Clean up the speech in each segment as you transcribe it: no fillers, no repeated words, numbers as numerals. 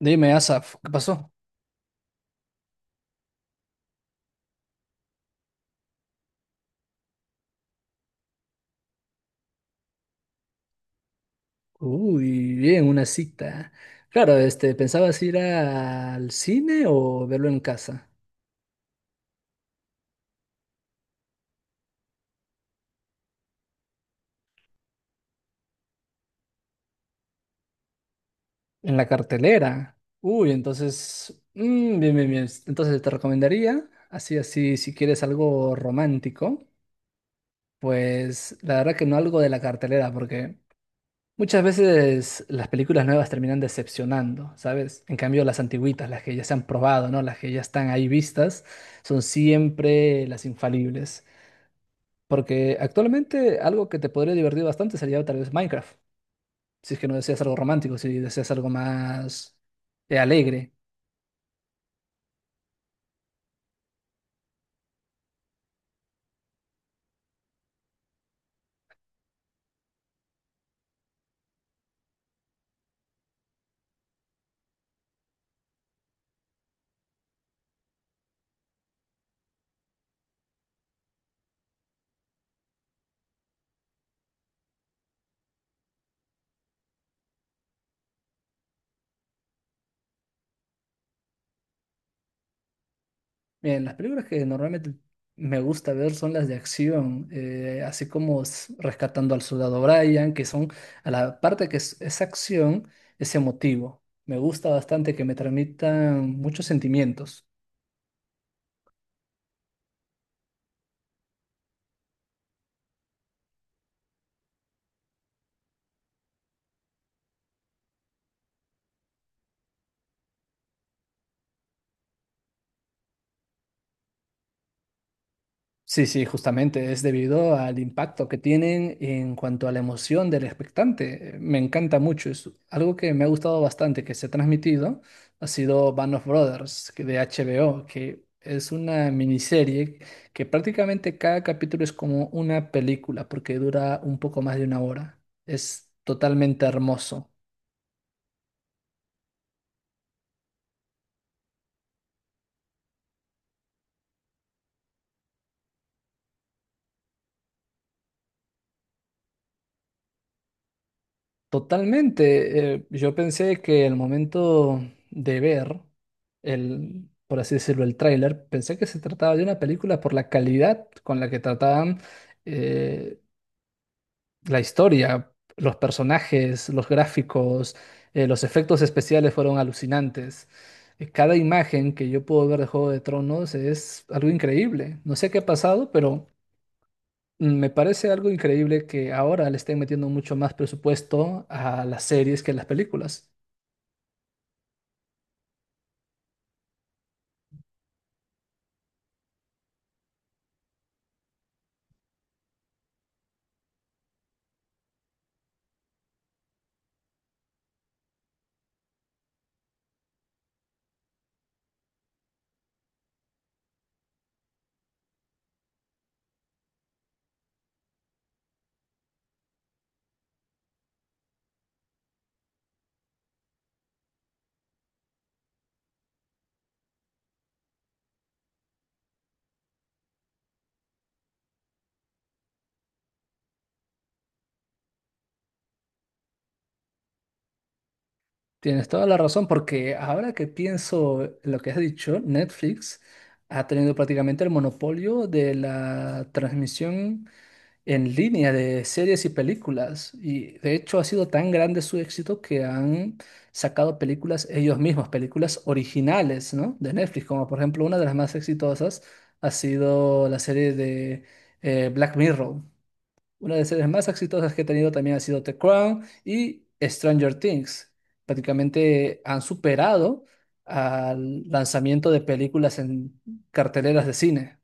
Dime, Asaf, ¿qué pasó? Uy, bien, una cita. Claro, este, ¿pensabas ir al cine o verlo en casa? En la cartelera. Uy, entonces, bien, bien, bien. Entonces te recomendaría, así, así, si quieres algo romántico, pues la verdad que no algo de la cartelera, porque muchas veces las películas nuevas terminan decepcionando, ¿sabes? En cambio, las antigüitas, las que ya se han probado, ¿no? Las que ya están ahí vistas, son siempre las infalibles. Porque actualmente algo que te podría divertir bastante sería tal vez Minecraft, si es que no deseas algo romántico, si deseas algo más alegre. Bien, las películas que normalmente me gusta ver son las de acción, así como Rescatando al Soldado Brian, que son, a la parte que es acción, es emotivo. Me gusta bastante que me transmitan muchos sentimientos. Sí, sí, justamente es debido al impacto que tienen en cuanto a la emoción del expectante. Me encanta mucho, es algo que me ha gustado bastante que se ha transmitido, ha sido Band of Brothers que de HBO, que es una miniserie que prácticamente cada capítulo es como una película porque dura un poco más de una hora. Es totalmente hermoso. Totalmente. Yo pensé que el momento de ver el, por así decirlo, el tráiler, pensé que se trataba de una película por la calidad con la que trataban eh, la historia, los personajes, los gráficos, los efectos especiales fueron alucinantes. Cada imagen que yo puedo ver de Juego de Tronos es algo increíble. No sé qué ha pasado, pero Me parece algo increíble que ahora le estén metiendo mucho más presupuesto a las series que a las películas. Tienes toda la razón, porque ahora que pienso en lo que has dicho, Netflix ha tenido prácticamente el monopolio de la transmisión en línea de series y películas. Y de hecho ha sido tan grande su éxito que han sacado películas ellos mismos, películas originales, ¿no? De Netflix, como por ejemplo una de las más exitosas ha sido la serie de Black Mirror. Una de las series más exitosas que he tenido también ha sido The Crown y Stranger Things. Prácticamente han superado al lanzamiento de películas en carteleras de cine.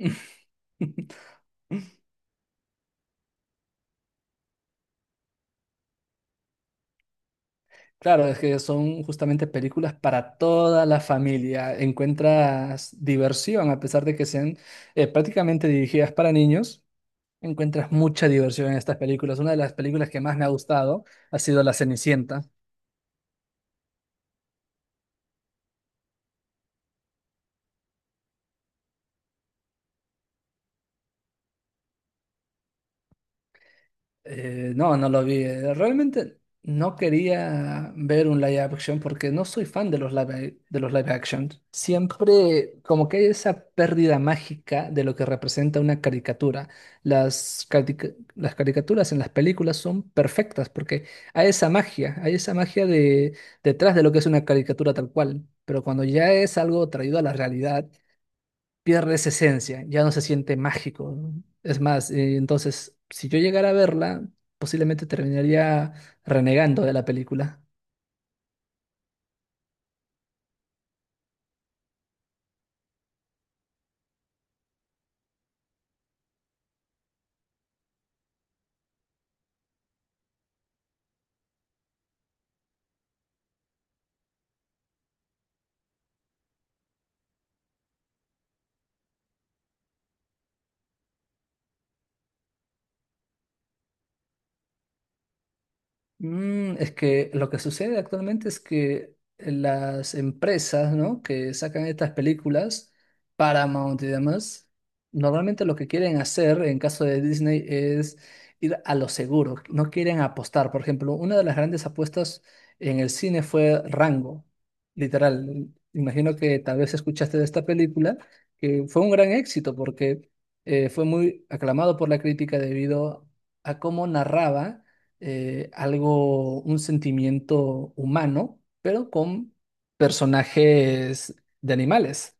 Claro, es que son justamente películas para toda la familia. Encuentras diversión, a pesar de que sean prácticamente dirigidas para niños, encuentras mucha diversión en estas películas. Una de las películas que más me ha gustado ha sido La Cenicienta. No, no lo vi. Realmente no quería ver un live action porque no soy fan de los live action. Siempre como que hay esa pérdida mágica de lo que representa una caricatura. Las, carica- las caricaturas en las películas son perfectas porque hay esa magia de, detrás de lo que es una caricatura tal cual. Pero cuando ya es algo traído a la realidad, pierde esa esencia, ya no se siente mágico, ¿no? Es más, entonces, si yo llegara a verla, posiblemente terminaría renegando de la película. Es que lo que sucede actualmente es que las empresas, ¿no? que sacan estas películas, Paramount y demás, normalmente lo que quieren hacer en caso de Disney es ir a lo seguro, no quieren apostar. Por ejemplo, una de las grandes apuestas en el cine fue Rango, literal. Imagino que tal vez escuchaste de esta película, que fue un gran éxito porque fue muy aclamado por la crítica debido a cómo narraba algo, un sentimiento humano, pero con personajes de animales.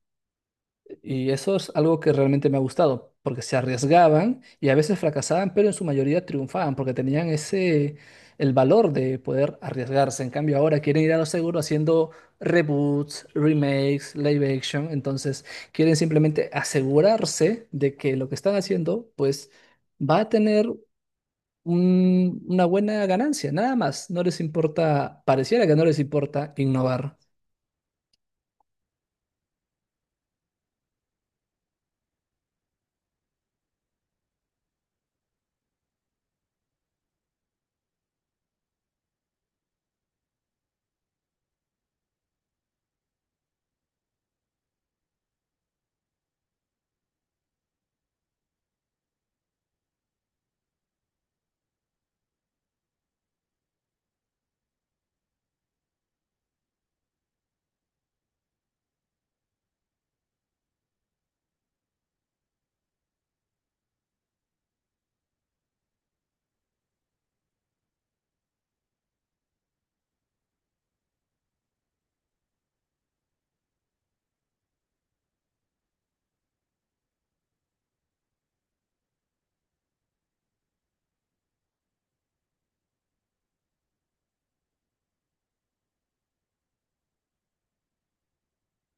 Y eso es algo que realmente me ha gustado, porque se arriesgaban y a veces fracasaban, pero en su mayoría triunfaban, porque tenían ese, el valor de poder arriesgarse. En cambio, ahora quieren ir a lo seguro haciendo reboots, remakes, live action, entonces quieren simplemente asegurarse de que lo que están haciendo, pues va a tener una buena ganancia, nada más. No les importa, pareciera que no les importa innovar.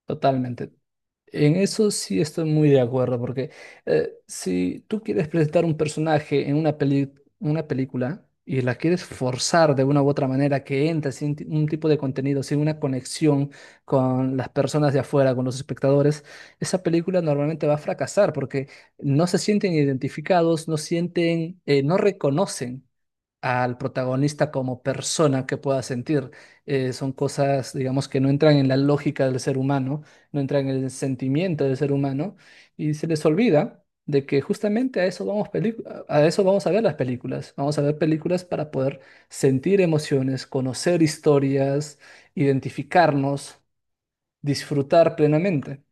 Totalmente. En eso sí estoy muy de acuerdo, porque si tú quieres presentar un personaje en una una película y la quieres forzar de una u otra manera que entre sin ti- un tipo de contenido, sin una conexión con las personas de afuera, con los espectadores, esa película normalmente va a fracasar porque no se sienten identificados, no sienten, no reconocen al protagonista como persona que pueda sentir. Son cosas, digamos, que no entran en la lógica del ser humano, no entran en el sentimiento del ser humano, y se les olvida de que justamente a eso vamos, a eso vamos a ver las películas. Vamos a ver películas para poder sentir emociones, conocer historias, identificarnos, disfrutar plenamente.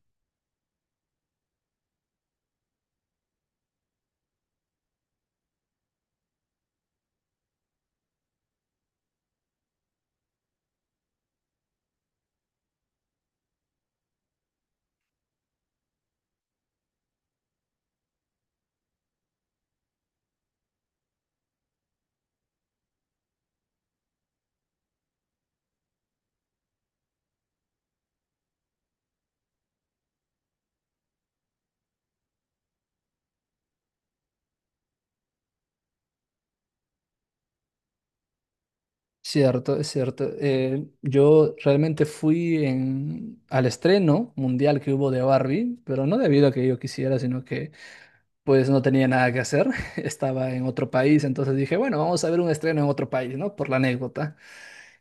Cierto, es cierto. Yo realmente fui al estreno mundial que hubo de Barbie, pero no debido a que yo quisiera, sino que pues no tenía nada que hacer. Estaba en otro país, entonces dije, bueno, vamos a ver un estreno en otro país, ¿no? Por la anécdota.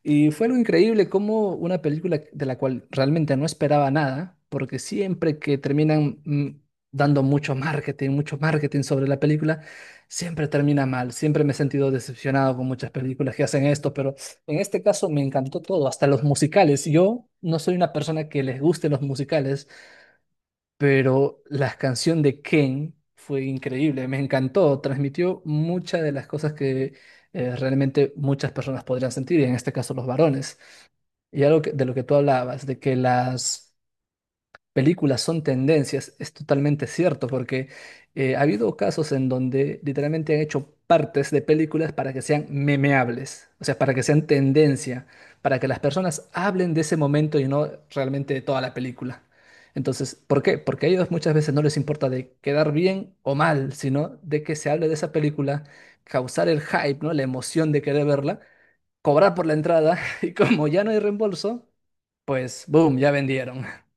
Y fue algo increíble como una película de la cual realmente no esperaba nada, porque siempre que terminan dando mucho marketing sobre la película, siempre termina mal. Siempre me he sentido decepcionado con muchas películas que hacen esto, pero en este caso me encantó todo, hasta los musicales. Yo no soy una persona que les guste los musicales, pero la canción de Ken fue increíble, me encantó, transmitió muchas de las cosas que realmente muchas personas podrían sentir, y en este caso los varones. Y algo de lo que tú hablabas, de que las películas son tendencias, es totalmente cierto, porque ha habido casos en donde literalmente han hecho partes de películas para que sean memeables, o sea, para que sean tendencia, para que las personas hablen de ese momento y no realmente de toda la película. Entonces, ¿por qué? Porque a ellos muchas veces no les importa de quedar bien o mal, sino de que se hable de esa película, causar el hype, ¿no? La emoción de querer verla cobrar por la entrada y como ya no hay reembolso, pues boom, ya vendieron.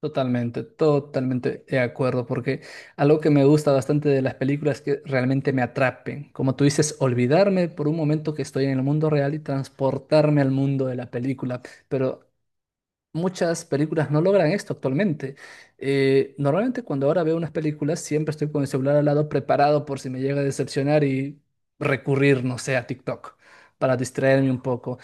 Totalmente, totalmente de acuerdo, porque algo que me gusta bastante de las películas es que realmente me atrapen. Como tú dices, olvidarme por un momento que estoy en el mundo real y transportarme al mundo de la película. Pero muchas películas no logran esto actualmente. Normalmente cuando ahora veo unas películas, siempre estoy con el celular al lado preparado por si me llega a decepcionar y recurrir, no sé, a TikTok para distraerme un poco.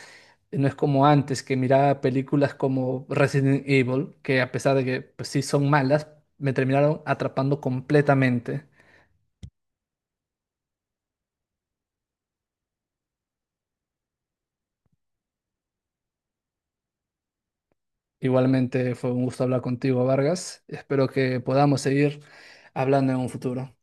No es como antes que miraba películas como Resident Evil, que a pesar de que pues, sí son malas, me terminaron atrapando completamente. Igualmente fue un gusto hablar contigo, Vargas. Espero que podamos seguir hablando en un futuro.